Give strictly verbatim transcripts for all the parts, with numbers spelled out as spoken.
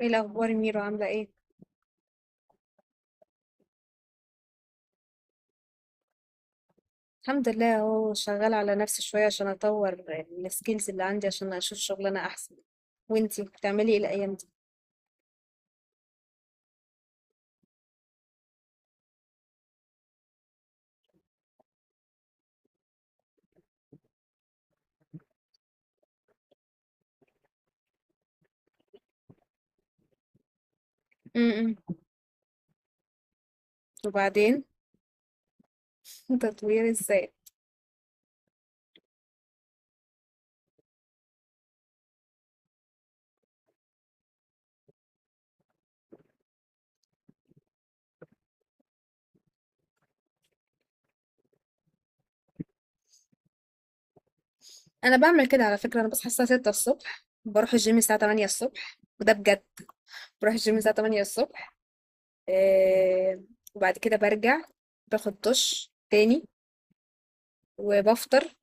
ايه الاخبار يا ميرو، عامله ايه؟ الحمد لله اهو، شغاله على نفسي شويه عشان اطور السكيلز اللي عندي عشان اشوف شغلانه احسن. وانتي بتعملي ايه الايام دي؟ امم. وبعدين؟ تطوير ازاي؟ انا بعمل كده على فكره. انا بصحى الساعه السادسة الصبح، بروح الجيم الساعه تمانية الصبح، وده بجد. بروح الجيم الساعه تمانية الصبح. آه. وبعد كده برجع، باخد دش تاني، وبفطر،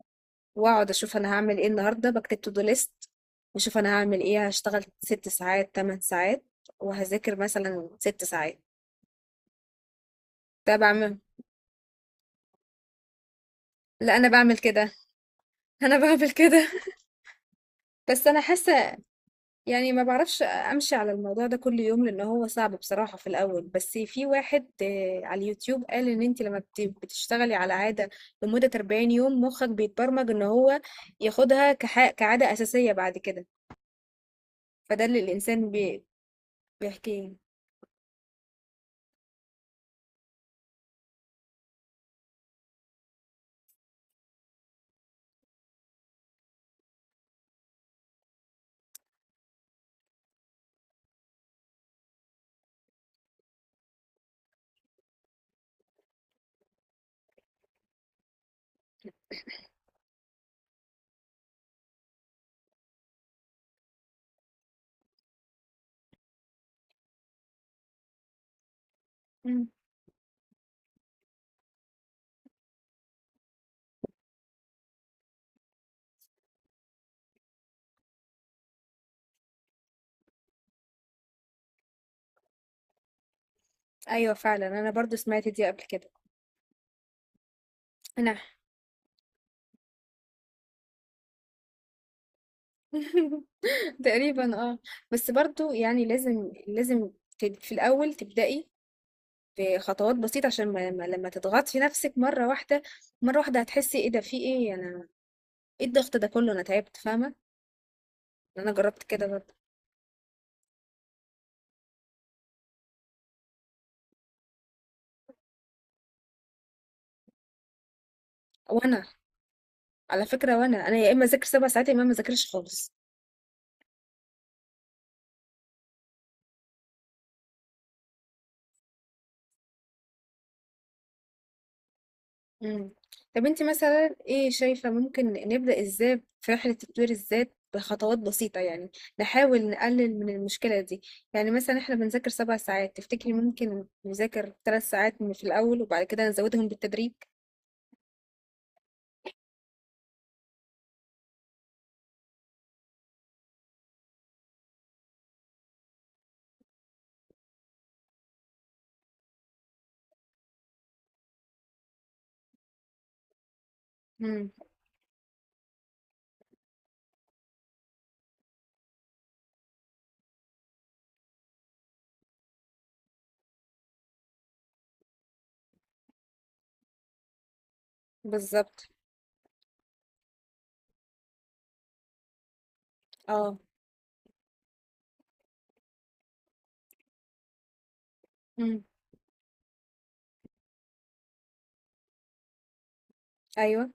واقعد اشوف انا هعمل ايه النهارده، بكتب تو دو ليست واشوف انا هعمل ايه، هشتغل ست ساعات تمن ساعات، وهذاكر مثلا ست ساعات. ده بعمل لا انا بعمل كده. انا بعمل كده. بس انا حاسه. يعني ما بعرفش امشي على الموضوع ده كل يوم لان هو صعب بصراحه في الاول. بس في واحد آه، على اليوتيوب قال ان انت لما بت- بتشتغلي على عاده لمده أربعين يوم مخك بيتبرمج ان هو ياخدها كح- كعاده اساسيه بعد كده. فده اللي الانسان بي- بيحكيه. ايوه فعلا، انا برضو سمعت دي قبل كده. انا تقريبا اه. بس برضو يعني لازم لازم ت- في الاول تبدأي بخطوات بسيطة عشان ما ما- لما تضغطي في نفسك مرة واحدة مرة واحدة هتحسي ايه ده في ايه انا ايه الضغط ده كله انا تعبت، فاهمة. انا جربت كده برضو. وانا على فكرة وانا انا يا اما اذاكر سبع ساعات يا اما ما اذاكرش خالص. مم. طب انت مثلا ايه شايفة ممكن نبدأ ازاي في رحلة تطوير الذات بخطوات بسيطة يعني، نحاول نقلل من المشكلة دي. يعني مثلا احنا بنذاكر سبع ساعات، تفتكري ممكن نذاكر ثلاث ساعات من في الأول وبعد كده نزودهم بالتدريج؟ مم. بالظبط. اه. مم. ايوه.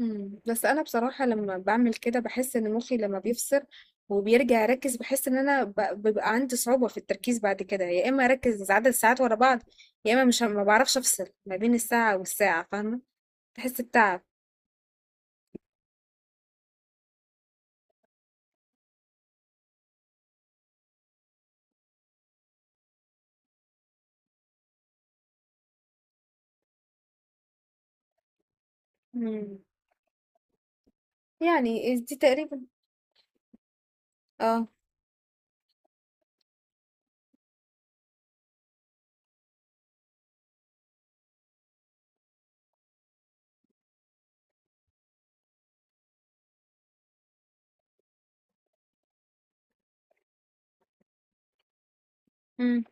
إمم، بس أنا بصراحة لمّا باعمل كده باحس إن مُخّي لمّا بيفصل وبيرجع يركّز، باحس إن أنا ب بيبقى عندي صعوبة في التركيز بعد كده، يا إما أركّز عدد ساعات ورا بعض، يا إما مش ه ما باعرفش أفصل ما بين الساعة والساعة، فاهمة؟ باحس بتعب. إمم، يعني دي تقريبًا. آه. إمم.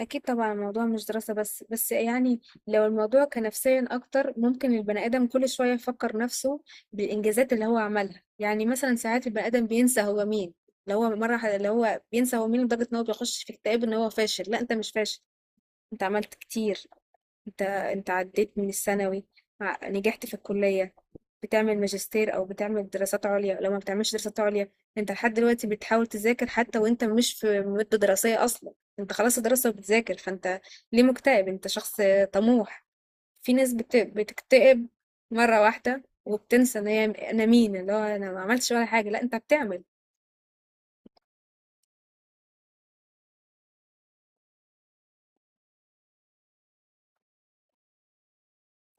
أكيد طبعا، الموضوع مش دراسة بس. بس يعني لو الموضوع كان نفسيا أكتر ممكن البني آدم كل شوية يفكر نفسه بالإنجازات اللي هو عملها. يعني مثلا ساعات البني آدم بينسى هو مين، اللي هو مرة ح- اللي هو بينسى هو مين لدرجة إن هو بيخش في اكتئاب إن هو فاشل. لا أنت مش فاشل، أنت عملت كتير. انت انت عديت من الثانوي، ع- نجحت في الكلية، بتعمل ماجستير او بتعمل دراسات عليا، لو ما بتعملش دراسات عليا انت لحد دلوقتي بتحاول تذاكر حتى وانت مش في مدة دراسية اصلا. انت خلاص الدراسة وبتذاكر، فانت ليه مكتئب؟ انت شخص طموح. في ناس بت... بتكتئب مرة واحدة وبتنسى ان هي انا مين، اللي هو انا ما عملتش ولا حاجة. لا انت بتعمل.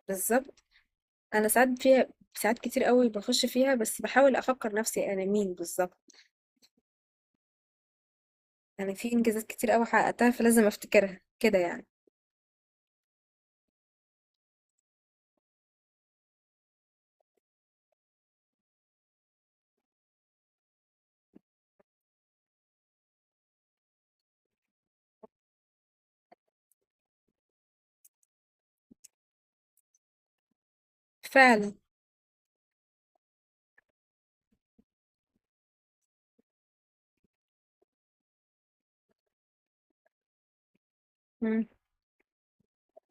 بالظبط. انا ساعات فيها، ساعات كتير قوي بخش فيها، بس بحاول افكر نفسي انا مين بالظبط. يعني في انجازات كتير قوي حققتها فلازم افتكرها كده يعني. فعلا. مم.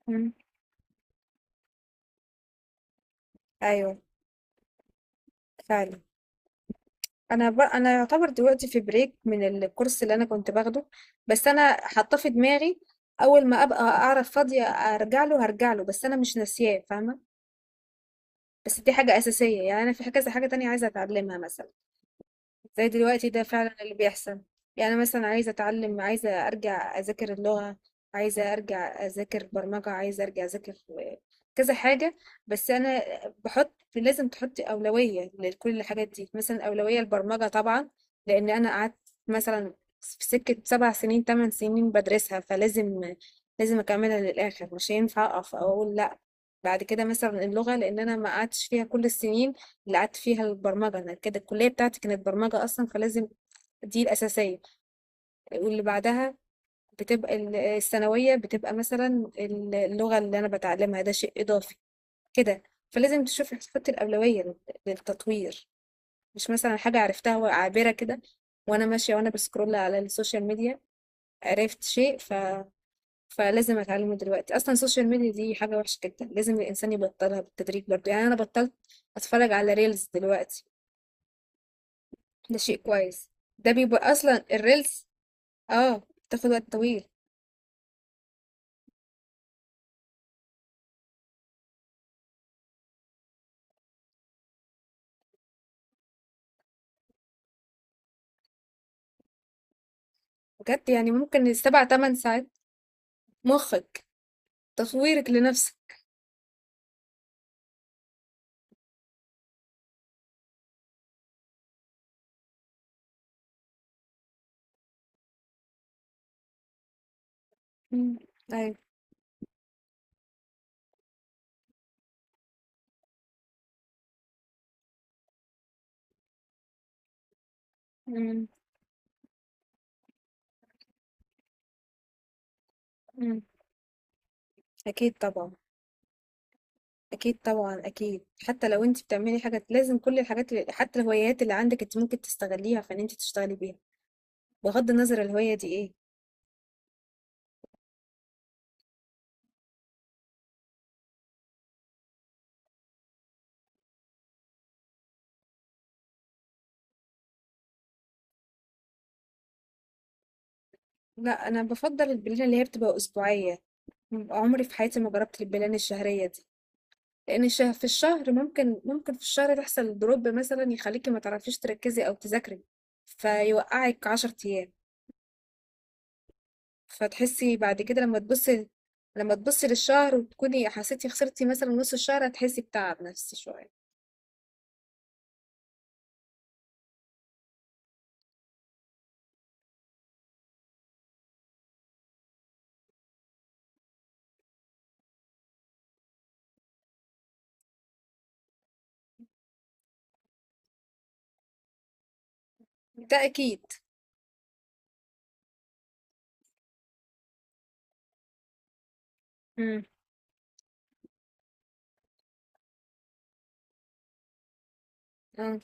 مم. ايوه، فعلا. انا ب... انا يعتبر دلوقتي في بريك من الكورس اللي انا كنت باخده. بس انا حاطه في دماغي اول ما ابقى اعرف فاضيه ارجع له، هرجع له بس انا مش ناسياه، فاهمه. بس دي حاجه اساسيه. يعني انا في كذا حاجه تانية عايزه اتعلمها مثلا، زي دلوقتي ده فعلا اللي بيحصل. يعني أنا مثلا عايزة أتعلم، عايزة أرجع أذاكر اللغة، عايزة أرجع أذاكر برمجة، عايزة أرجع أذاكر كذا حاجة. بس أنا بحط لازم تحطي أولوية لكل الحاجات دي. مثلا أولوية البرمجة طبعا، لأن أنا قعدت مثلا في سكة سبع سنين تمن سنين بدرسها، فلازم لازم أكملها للآخر، مش هينفع أقف أو أقول لأ. بعد كده مثلا اللغة، لأن أنا ما قعدتش فيها كل السنين اللي قعدت فيها البرمجة. أنا كده الكلية بتاعتي كانت برمجة أصلا فلازم، دي الأساسية. واللي بعدها بتبقى ال- الثانوية، بتبقى مثلا اللغة اللي أنا بتعلمها ده شيء إضافي كده. فلازم تشوف تحط الأولوية لل- للتطوير، مش مثلا حاجة عرفتها وعابرة كده وأنا ماشية وأنا بسكرول على السوشيال ميديا، عرفت شيء ف... فلازم أتعلمه دلوقتي. أصلا السوشيال ميديا دي حاجة وحشة جدا، لازم الإنسان يبطلها بالتدريج برضه. يعني أنا بطلت أتفرج على ريلز دلوقتي، ده شيء كويس. ده بيبقى اصلا الريلز، اه، بتاخد وقت طويل، بجد. يعني ممكن سبع تمن ساعات. مخك، تصويرك لنفسك. مم. ايوه. مم. مم. اكيد طبعا. اكيد طبعا، اكيد. حتى لو انت بتعملي حاجه لازم كل الحاجات اللي حتى الهوايات اللي عندك انت ممكن تستغليها فان انت تشتغلي بيها، بغض النظر الهوايه دي ايه. لا، انا بفضل البلان اللي هي بتبقى اسبوعيه. عمري في حياتي ما جربت البلان الشهريه دي، لان الش- في الشهر ممكن ممكن في الشهر تحصل دروب مثلا يخليكي ما تعرفيش تركزي او تذاكري فيوقعك عشر ايام. فتحسي بعد كده لما تبصي لما تبصي للشهر وتكوني حسيتي خسرتي مثلا نص الشهر، هتحسي بتعب نفسي شوية. ده اكيد. امم. آه.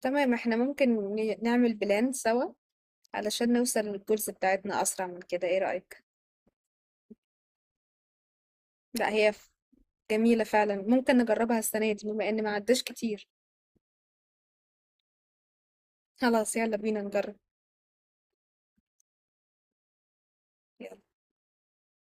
تمام، احنا ممكن ن- نعمل بلان سوا علشان نوصل للجولز بتاعتنا اسرع من كده، ايه رأيك؟ لا، هي ف- جميلة فعلا، ممكن نجربها السنة دي بما ان ما عداش كتير. خلاص يلا بينا نجرب.